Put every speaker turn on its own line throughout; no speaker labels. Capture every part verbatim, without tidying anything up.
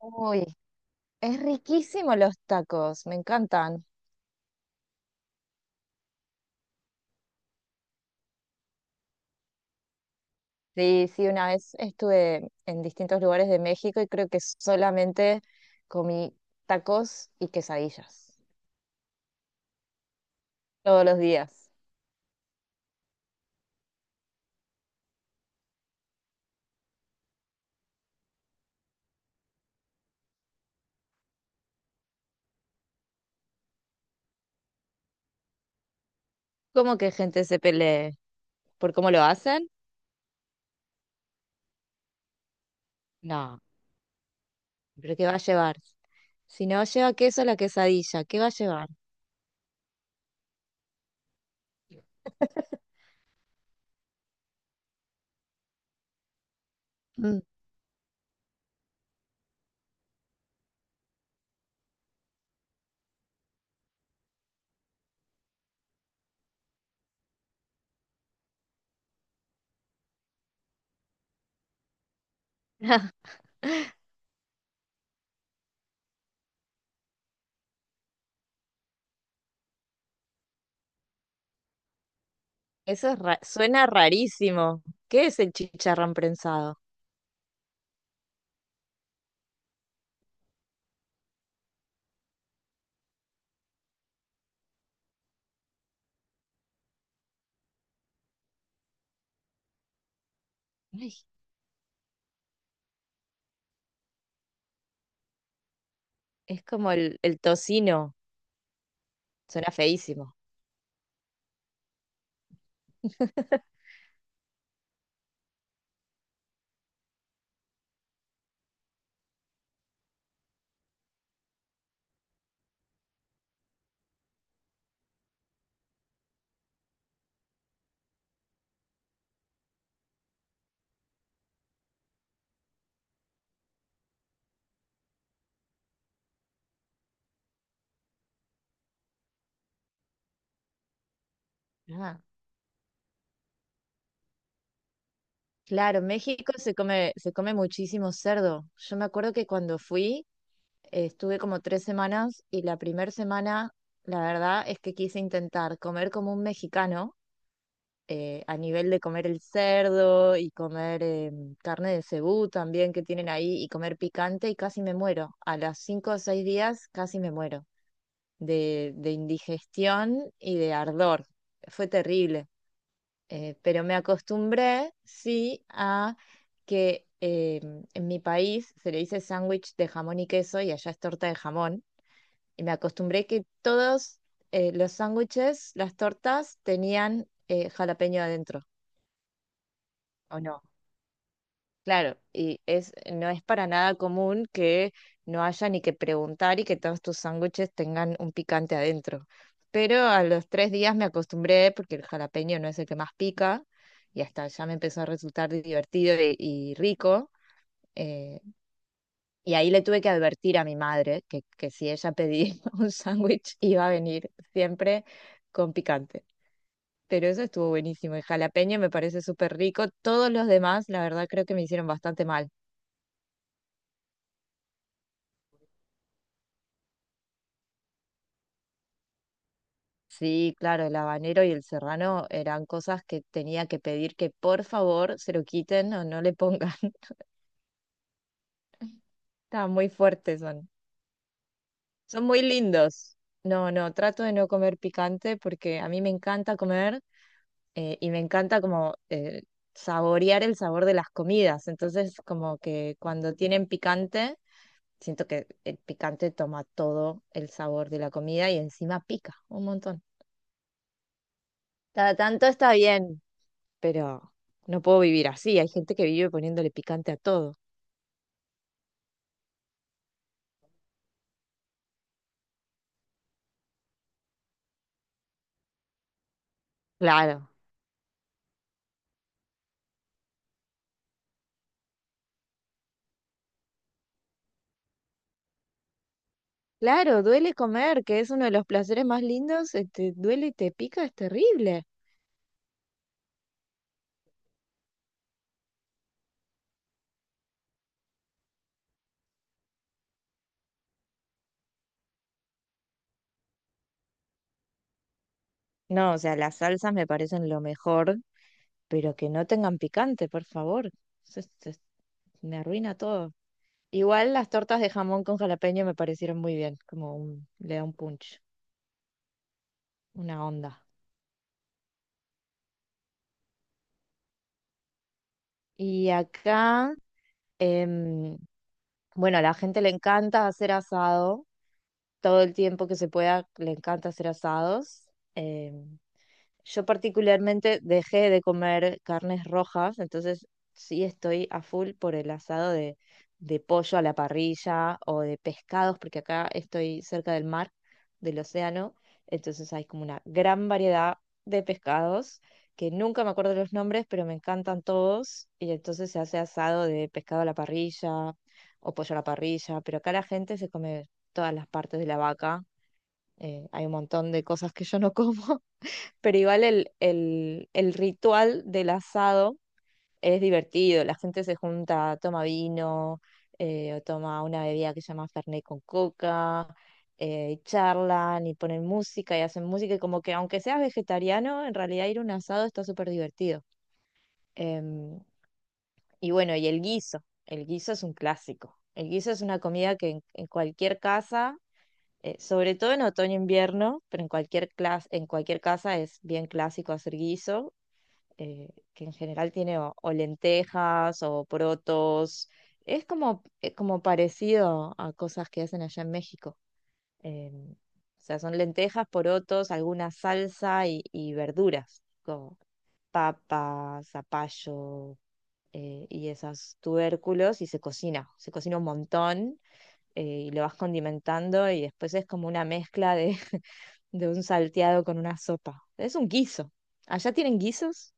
Uy, es riquísimo los tacos, me encantan. Sí, sí, una vez estuve en distintos lugares de México y creo que solamente comí tacos y quesadillas todos los días. ¿Cómo que gente se pelee? ¿Por cómo lo hacen? No, pero ¿qué va a llevar? Si no lleva queso la quesadilla, ¿qué va a llevar? Mm. Eso es ra- suena rarísimo. ¿Qué es el chicharrón prensado? Ay, es como el, el tocino, suena feísimo. Ah, claro, México se come, se come muchísimo cerdo. Yo me acuerdo que cuando fui, eh, estuve como tres semanas y la primera semana, la verdad es que quise intentar comer como un mexicano, eh, a nivel de comer el cerdo y comer eh, carne de cebú también que tienen ahí y comer picante y casi me muero. A las cinco o seis días casi me muero de, de indigestión y de ardor. Fue terrible. Eh, pero me acostumbré, sí, a que eh, en mi país se le dice sándwich de jamón y queso y allá es torta de jamón. Y me acostumbré que todos eh, los sándwiches, las tortas, tenían eh, jalapeño adentro, ¿o no? Claro, y es, no es para nada común que no haya ni que preguntar y que todos tus sándwiches tengan un picante adentro. Pero a los tres días me acostumbré porque el jalapeño no es el que más pica y hasta ya me empezó a resultar divertido y, y rico. eh, y ahí le tuve que advertir a mi madre que, que si ella pedía un sándwich iba a venir siempre con picante. Pero eso estuvo buenísimo. El jalapeño me parece súper rico. Todos los demás, la verdad, creo que me hicieron bastante mal. Sí, claro, el habanero y el serrano eran cosas que tenía que pedir que por favor se lo quiten o no le pongan. Estaban muy fuertes, son. Son muy lindos. No, no, trato de no comer picante porque a mí me encanta comer eh, y me encanta como eh, saborear el sabor de las comidas. Entonces, como que cuando tienen picante, siento que el picante toma todo el sabor de la comida y encima pica un montón. Cada tanto está bien, pero no puedo vivir así. Hay gente que vive poniéndole picante a todo. Claro. Claro, duele comer, que es uno de los placeres más lindos, este, duele y te pica, es terrible. No, o sea, las salsas me parecen lo mejor, pero que no tengan picante, por favor. Eso es- es- Me arruina todo. Igual las tortas de jamón con jalapeño me parecieron muy bien, como un, le da un punch, una onda. Y acá, em, bueno, a la gente le encanta hacer asado todo el tiempo que se pueda, le encanta hacer asados. em, yo particularmente dejé de comer carnes rojas, entonces sí estoy a full por el asado de, de pollo a la parrilla o de pescados, porque acá estoy cerca del mar, del océano, entonces hay como una gran variedad de pescados que nunca me acuerdo los nombres, pero me encantan todos, y entonces se hace asado de pescado a la parrilla o pollo a la parrilla, pero acá la gente se come todas las partes de la vaca, eh, hay un montón de cosas que yo no como, pero igual el, el, el ritual del asado es divertido, la gente se junta, toma vino, eh, o toma una bebida que se llama Fernet con coca, eh, y charlan y ponen música y hacen música, y como que aunque seas vegetariano, en realidad ir a un asado está súper divertido. Em, y bueno, y el guiso, el guiso es un clásico. El guiso es una comida que en, en cualquier casa, eh, sobre todo en otoño e invierno, pero en cualquier clas- en cualquier casa es bien clásico hacer guiso, eh, que en general tiene o, o lentejas o protos. Es como, eh, como parecido a cosas que hacen allá en México. Em, o sea, son lentejas, porotos, alguna salsa y, y verduras, como papa, zapallo, eh, y esos tubérculos, y se cocina. Se cocina un montón, eh, y lo vas condimentando y después es como una mezcla de, de un salteado con una sopa. Es un guiso. ¿Allá tienen guisos?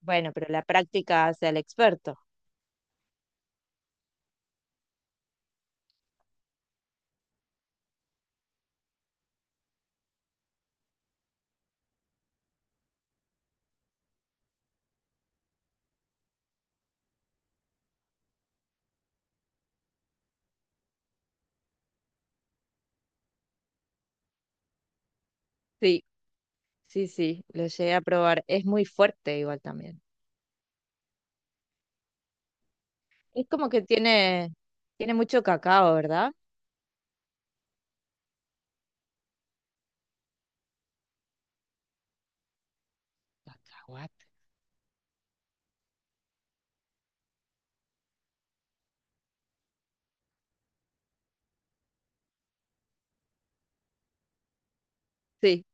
Bueno, pero la práctica hace al experto. Sí, sí, sí, lo llegué a probar. Es muy fuerte igual también. Es como que tiene, tiene mucho cacao, ¿verdad? Cacahuate. Sí,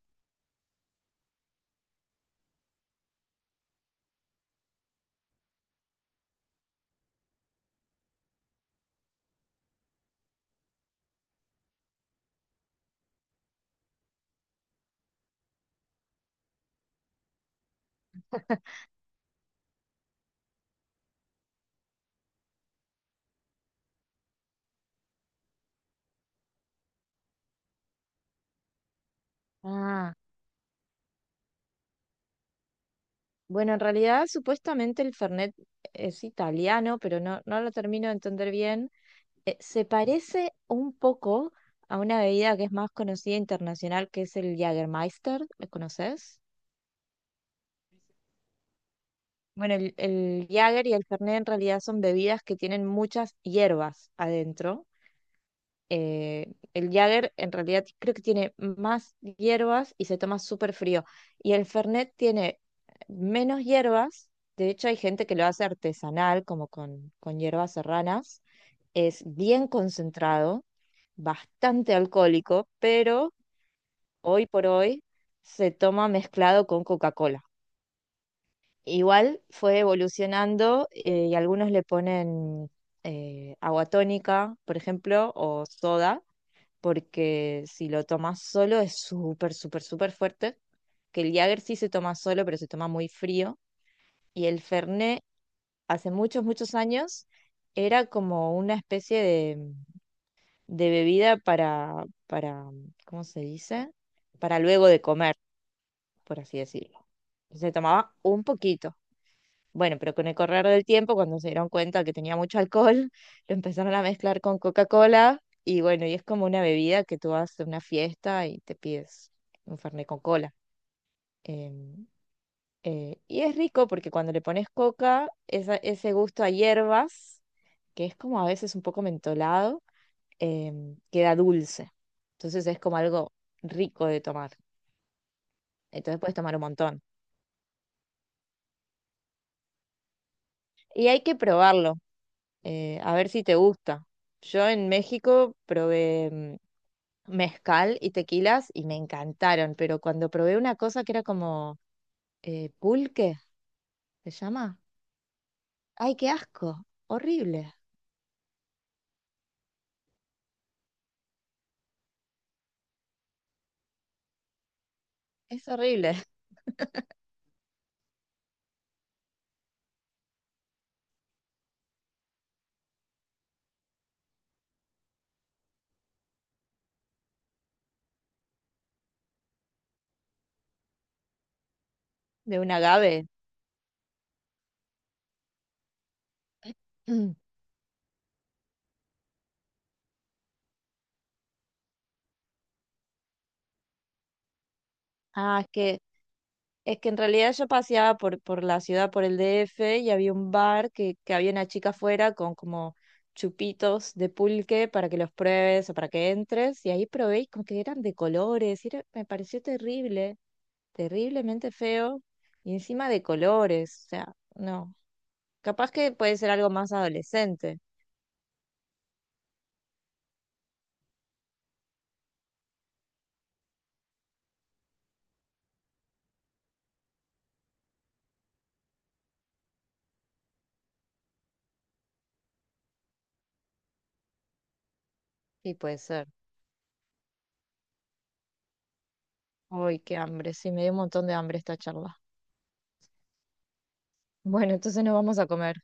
ah, bueno, en realidad supuestamente el Fernet es italiano, pero no, no lo termino de entender bien. Eh, se parece un poco a una bebida que es más conocida internacional, que es el Jägermeister. ¿Lo conoces? Bueno, el, el Jäger y el Fernet en realidad son bebidas que tienen muchas hierbas adentro. Eh, el Jäger en realidad creo que tiene más hierbas y se toma súper frío. Y el Fernet tiene menos hierbas. De hecho, hay gente que lo hace artesanal, como con, con hierbas serranas. Es bien concentrado, bastante alcohólico, pero hoy por hoy se toma mezclado con Coca-Cola. Igual fue evolucionando, eh, y algunos le ponen eh, agua tónica, por ejemplo, o soda, porque si lo tomas solo es súper, súper, súper fuerte. Que el Jäger sí se toma solo, pero se toma muy frío. Y el Fernet, hace muchos, muchos años, era como una especie de, de bebida para, para, ¿cómo se dice? Para luego de comer, por así decirlo. Se tomaba un poquito. Bueno, pero con el correr del tiempo, cuando se dieron cuenta que tenía mucho alcohol, lo empezaron a mezclar con Coca-Cola y bueno, y es como una bebida que tú vas a una fiesta y te pides un fernet con cola. Em, eh, y es rico porque cuando le pones coca, esa- ese gusto a hierbas, que es como a veces un poco mentolado, em, queda dulce. Entonces es como algo rico de tomar. Entonces puedes tomar un montón. Y hay que probarlo. Eh, a ver si te gusta. Yo en México probé mm, mezcal y tequilas y me encantaron, pero cuando probé una cosa que era como eh, pulque, ¿se llama? ¡Ay, qué asco! Horrible, es horrible, de un agave. Ah, es que Es que en realidad yo paseaba por, por la ciudad, por el D F, y había un bar que, que había una chica afuera con como chupitos de pulque para que los pruebes o para que entres, y ahí probé y como que eran de colores, y era- me pareció terrible, terriblemente feo, y encima de colores, o sea, no. Capaz que puede ser algo más adolescente. Sí, puede ser. Uy, qué hambre, sí, me dio un montón de hambre esta charla. Bueno, entonces nos vamos a comer.